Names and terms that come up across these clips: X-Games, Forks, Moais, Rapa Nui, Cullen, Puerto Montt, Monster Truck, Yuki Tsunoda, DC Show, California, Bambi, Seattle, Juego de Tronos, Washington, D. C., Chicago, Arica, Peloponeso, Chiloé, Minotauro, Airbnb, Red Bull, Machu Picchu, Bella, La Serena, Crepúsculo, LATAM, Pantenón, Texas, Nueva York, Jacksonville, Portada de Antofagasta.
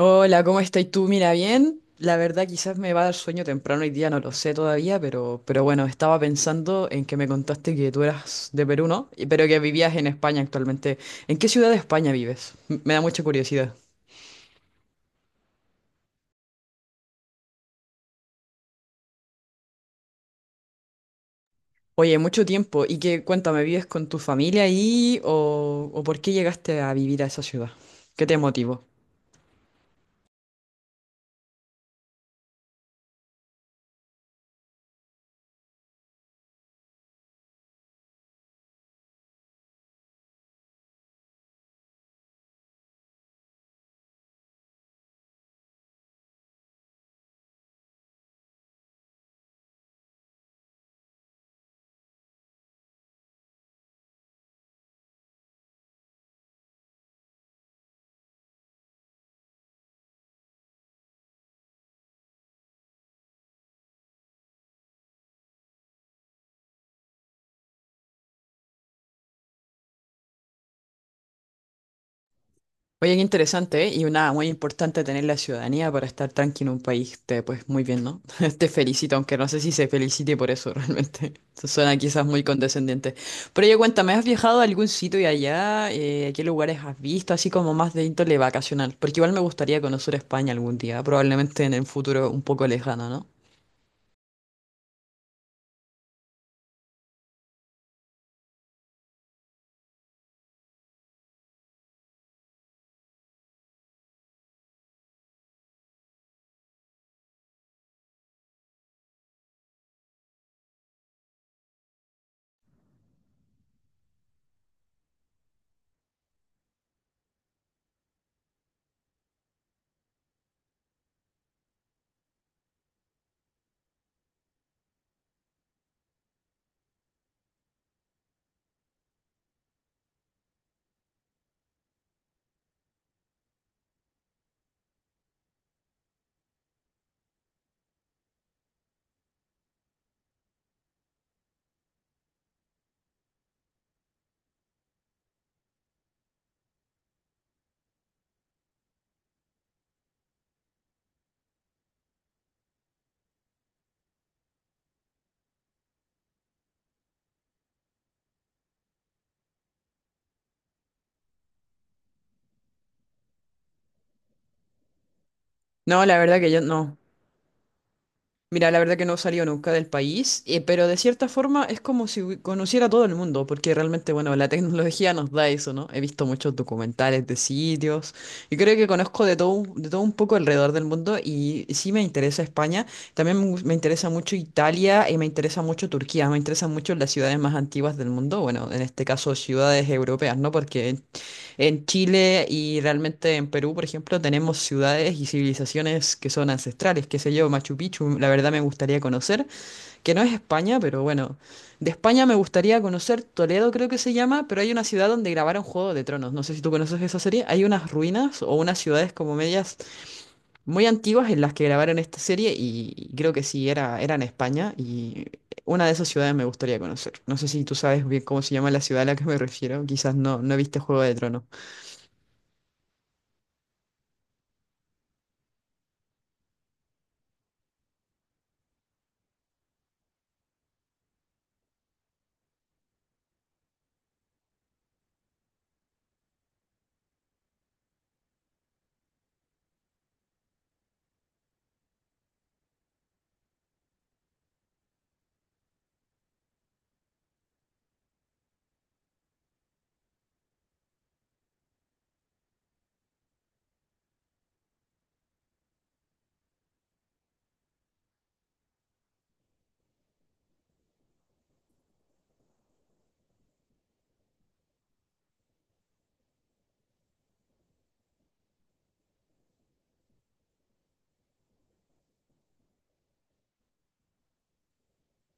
Hola, ¿cómo estás tú? Mira, bien. La verdad, quizás me va a dar sueño temprano hoy día, no lo sé todavía, pero bueno, estaba pensando en que me contaste que tú eras de Perú, ¿no? Y- Pero que vivías en España actualmente. ¿En qué ciudad de España vives? M- Me da mucha curiosidad. Oye, mucho tiempo. Y que, cuéntame, ¿vives con tu familia ahí o por qué llegaste a vivir a esa ciudad? ¿Qué te motivó? Oye, qué interesante, ¿eh? Y una muy importante tener la ciudadanía para estar tranquilo en un país, te, pues muy bien, ¿no? Te felicito, aunque no sé si se felicite por eso realmente. Eso suena quizás muy condescendiente. Pero oye, cuéntame, ¿has viajado a algún sitio y allá? ¿Qué lugares has visto? Así como más de índole vacacional. Porque igual me gustaría conocer España algún día, probablemente en el futuro un poco lejano, ¿no? No, la verdad que yo no. Mira, la verdad que no salió nunca del país, pero de cierta forma es como si hu- conociera a todo el mundo, porque realmente, bueno, la tecnología nos da eso, ¿no? He visto muchos documentales de sitios y creo que conozco de todo un poco alrededor del mundo y sí me interesa España, también me, gus- me interesa mucho Italia y me interesa mucho Turquía, me interesan mucho las ciudades más antiguas del mundo, bueno, en este caso ciudades europeas, ¿no? Porque en Chile y realmente en Perú, por ejemplo, tenemos ciudades y civilizaciones que son ancestrales, qué sé yo, Machu Picchu, la verdad me gustaría conocer, que no es España, pero bueno, de España me gustaría conocer Toledo, creo que se llama, pero hay una ciudad donde grabaron Juego de Tronos, no sé si tú conoces esa serie, hay unas ruinas o unas ciudades como medias muy antiguas en las que grabaron esta serie y creo que sí, era en España y una de esas ciudades me gustaría conocer. No sé si tú sabes bien cómo se llama la ciudad a la que me refiero, quizás no, no viste Juego de Tronos.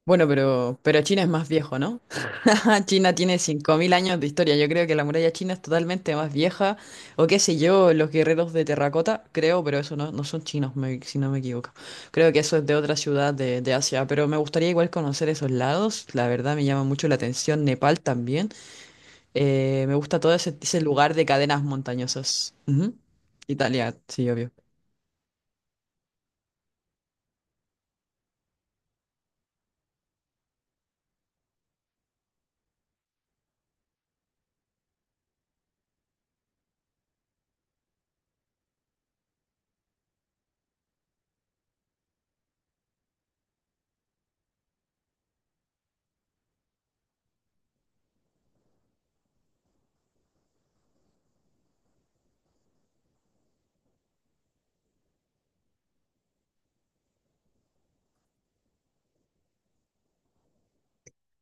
Bueno, pero China es más viejo, ¿no? China tiene 5.000 años de historia. Yo creo que la muralla china es totalmente más vieja. O qué sé yo, los guerreros de terracota, creo, pero eso no, no son chinos, me- si no me equivoco. Creo que eso es de otra ciudad de Asia. Pero me gustaría igual conocer esos lados. La verdad me llama mucho la atención Nepal también. Me gusta todo ese lugar de cadenas montañosas. Ujú. Italia, sí, obvio.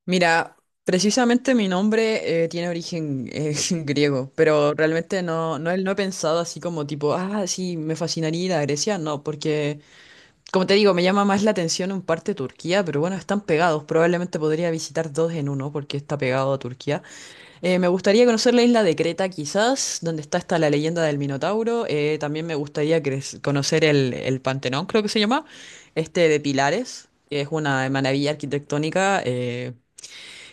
Mira, precisamente mi nombre tiene origen griego, pero realmente no, no, he- no he pensado así como tipo, ah, sí, me fascinaría ir a Grecia, no, porque, como te digo, me llama más la atención en parte Turquía, pero bueno, están pegados, probablemente podría visitar dos en uno, porque está pegado a Turquía. Me gustaría conocer la isla de Creta, quizás, donde está esta la leyenda del Minotauro, también me gustaría cre- conocer el Pantenón, creo que se llama, este de Pilares. Que Es una maravilla arquitectónica,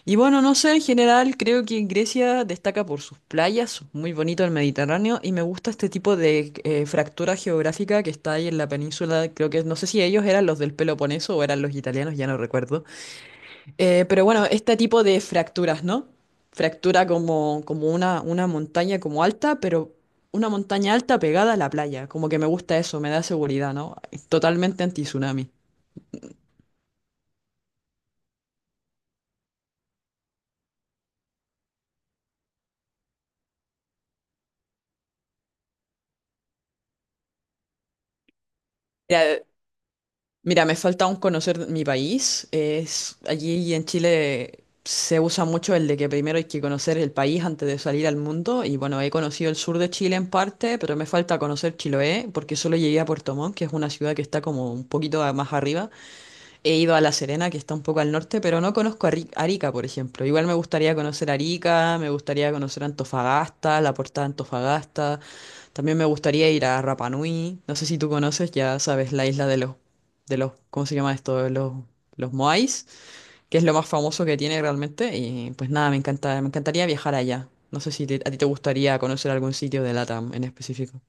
y bueno, no sé, en general creo que Grecia destaca por sus playas, muy bonito el Mediterráneo, y me gusta este tipo de fractura geográfica que está ahí en la península, creo que no sé si ellos eran los del Peloponeso o eran los italianos, ya no recuerdo. Pero bueno, este tipo de fracturas, ¿no? Fractura como, como una montaña como alta, pero una montaña alta pegada a la playa, como que me gusta eso, me da seguridad, ¿no? Totalmente anti-tsunami. Mira, me falta aún conocer mi país. Es, allí en Chile se usa mucho el de que primero hay que conocer el país antes de salir al mundo. Y bueno, he conocido el sur de Chile en parte, pero me falta conocer Chiloé porque solo llegué a Puerto Montt, que es una ciudad que está como un poquito a- más arriba. He ido a La Serena, que está un poco al norte, pero no conozco Arri- Arica, por ejemplo. Igual me gustaría conocer Arica, me gustaría conocer Antofagasta, la Portada de Antofagasta. También me gustaría ir a Rapa Nui. No sé si tú conoces, ya sabes, la isla de los, ¿cómo se llama esto? De los Moais, que es lo más famoso que tiene realmente. Y pues nada, me encanta, me encantaría viajar allá. No sé si te- a ti te gustaría conocer algún sitio de LATAM en específico.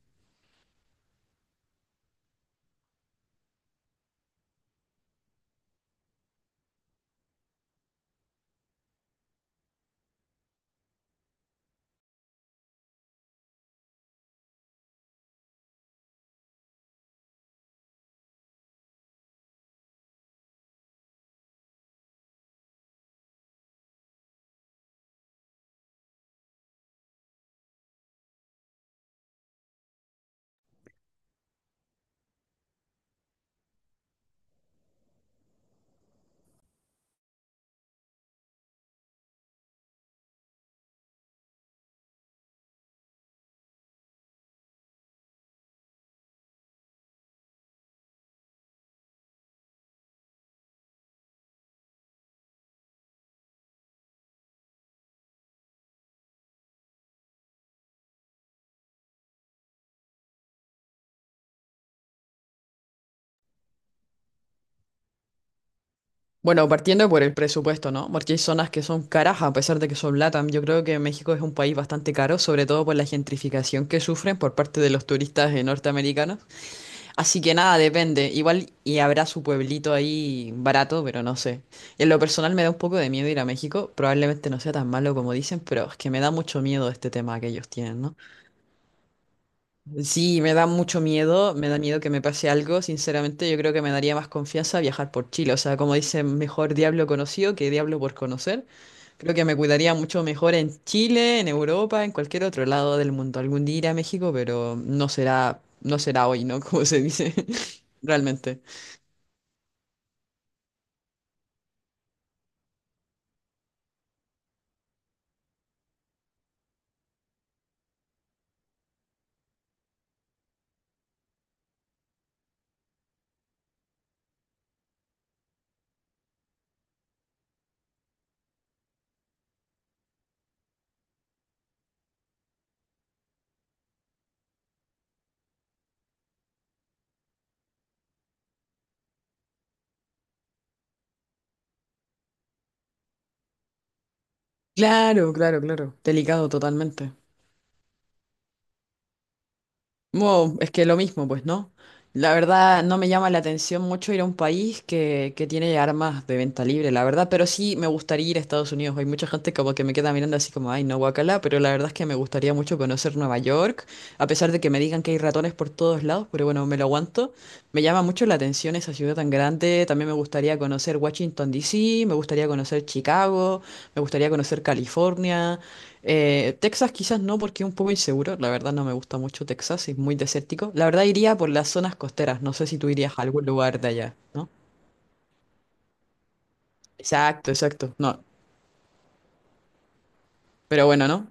Bueno, partiendo por el presupuesto, ¿no? Porque hay zonas que son caras a pesar de que son LATAM. Yo creo que México es un país bastante caro, sobre todo por la gentrificación que sufren por parte de los turistas norteamericanos. Así que nada, depende. Igual y habrá su pueblito ahí barato, pero no sé. En lo personal me da un poco de miedo ir a México. Probablemente no sea tan malo como dicen, pero es que me da mucho miedo este tema que ellos tienen, ¿no? Sí, me da mucho miedo, me da miedo que me pase algo. Sinceramente, yo creo que me daría más confianza viajar por Chile. O sea, como dicen, mejor diablo conocido que diablo por conocer. Creo que me cuidaría mucho mejor en Chile, en Europa, en cualquier otro lado del mundo. Algún día iré a México, pero no será hoy, ¿no? Como se dice, realmente. Claro, claro, claro. Delicado totalmente. Wow, es que lo mismo, pues, ¿no? La verdad, no me llama la atención mucho ir a un país que tiene armas de venta libre, la verdad, pero sí me gustaría ir a Estados Unidos. Hay mucha gente como que me queda mirando así como, ay, no, guacala, pero la verdad es que me gustaría mucho conocer Nueva York, a pesar de que me digan que hay ratones por todos lados, pero bueno, me lo aguanto. Me llama mucho la atención esa ciudad tan grande. También me gustaría conocer Washington D. C. me gustaría conocer Chicago, me gustaría conocer California. Texas quizás no porque es un poco inseguro, la verdad no me gusta mucho Texas, es muy desértico. La verdad iría por las zonas costeras, no sé si tú irías a algún lugar de allá, ¿no? Exacto, exacto, no, pero bueno, ¿no?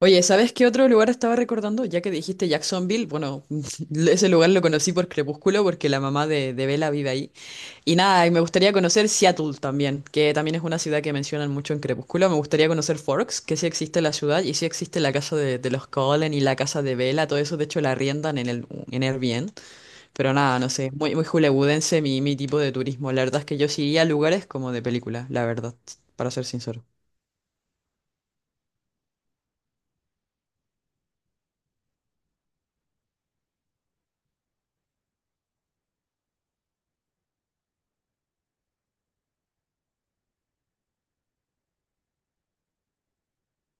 Oye, ¿sabes qué otro lugar estaba recordando? Ya que dijiste Jacksonville, bueno, ese lugar lo conocí por Crepúsculo porque la mamá de Bella vive ahí. Y nada, y me gustaría conocer Seattle también, que también es una ciudad que mencionan mucho en Crepúsculo. Me gustaría conocer Forks, que sí existe la ciudad y sí existe la casa de los Cullen y la casa de Bella, todo eso de hecho la arriendan en el en Airbnb. Pero nada, no sé, muy, muy hollywoodense mi, mi tipo de turismo. La verdad es que yo sí iría a lugares como de película, la verdad, para ser sincero.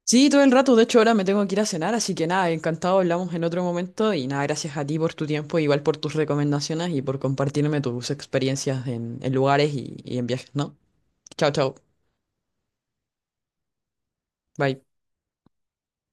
Sí, todo el rato, de hecho ahora me tengo que ir a cenar, así que nada, encantado, hablamos en otro momento y nada, gracias a ti por tu tiempo, igual por tus recomendaciones y por compartirme tus experiencias en lugares y en viajes, ¿no? Chao, chao. Bye.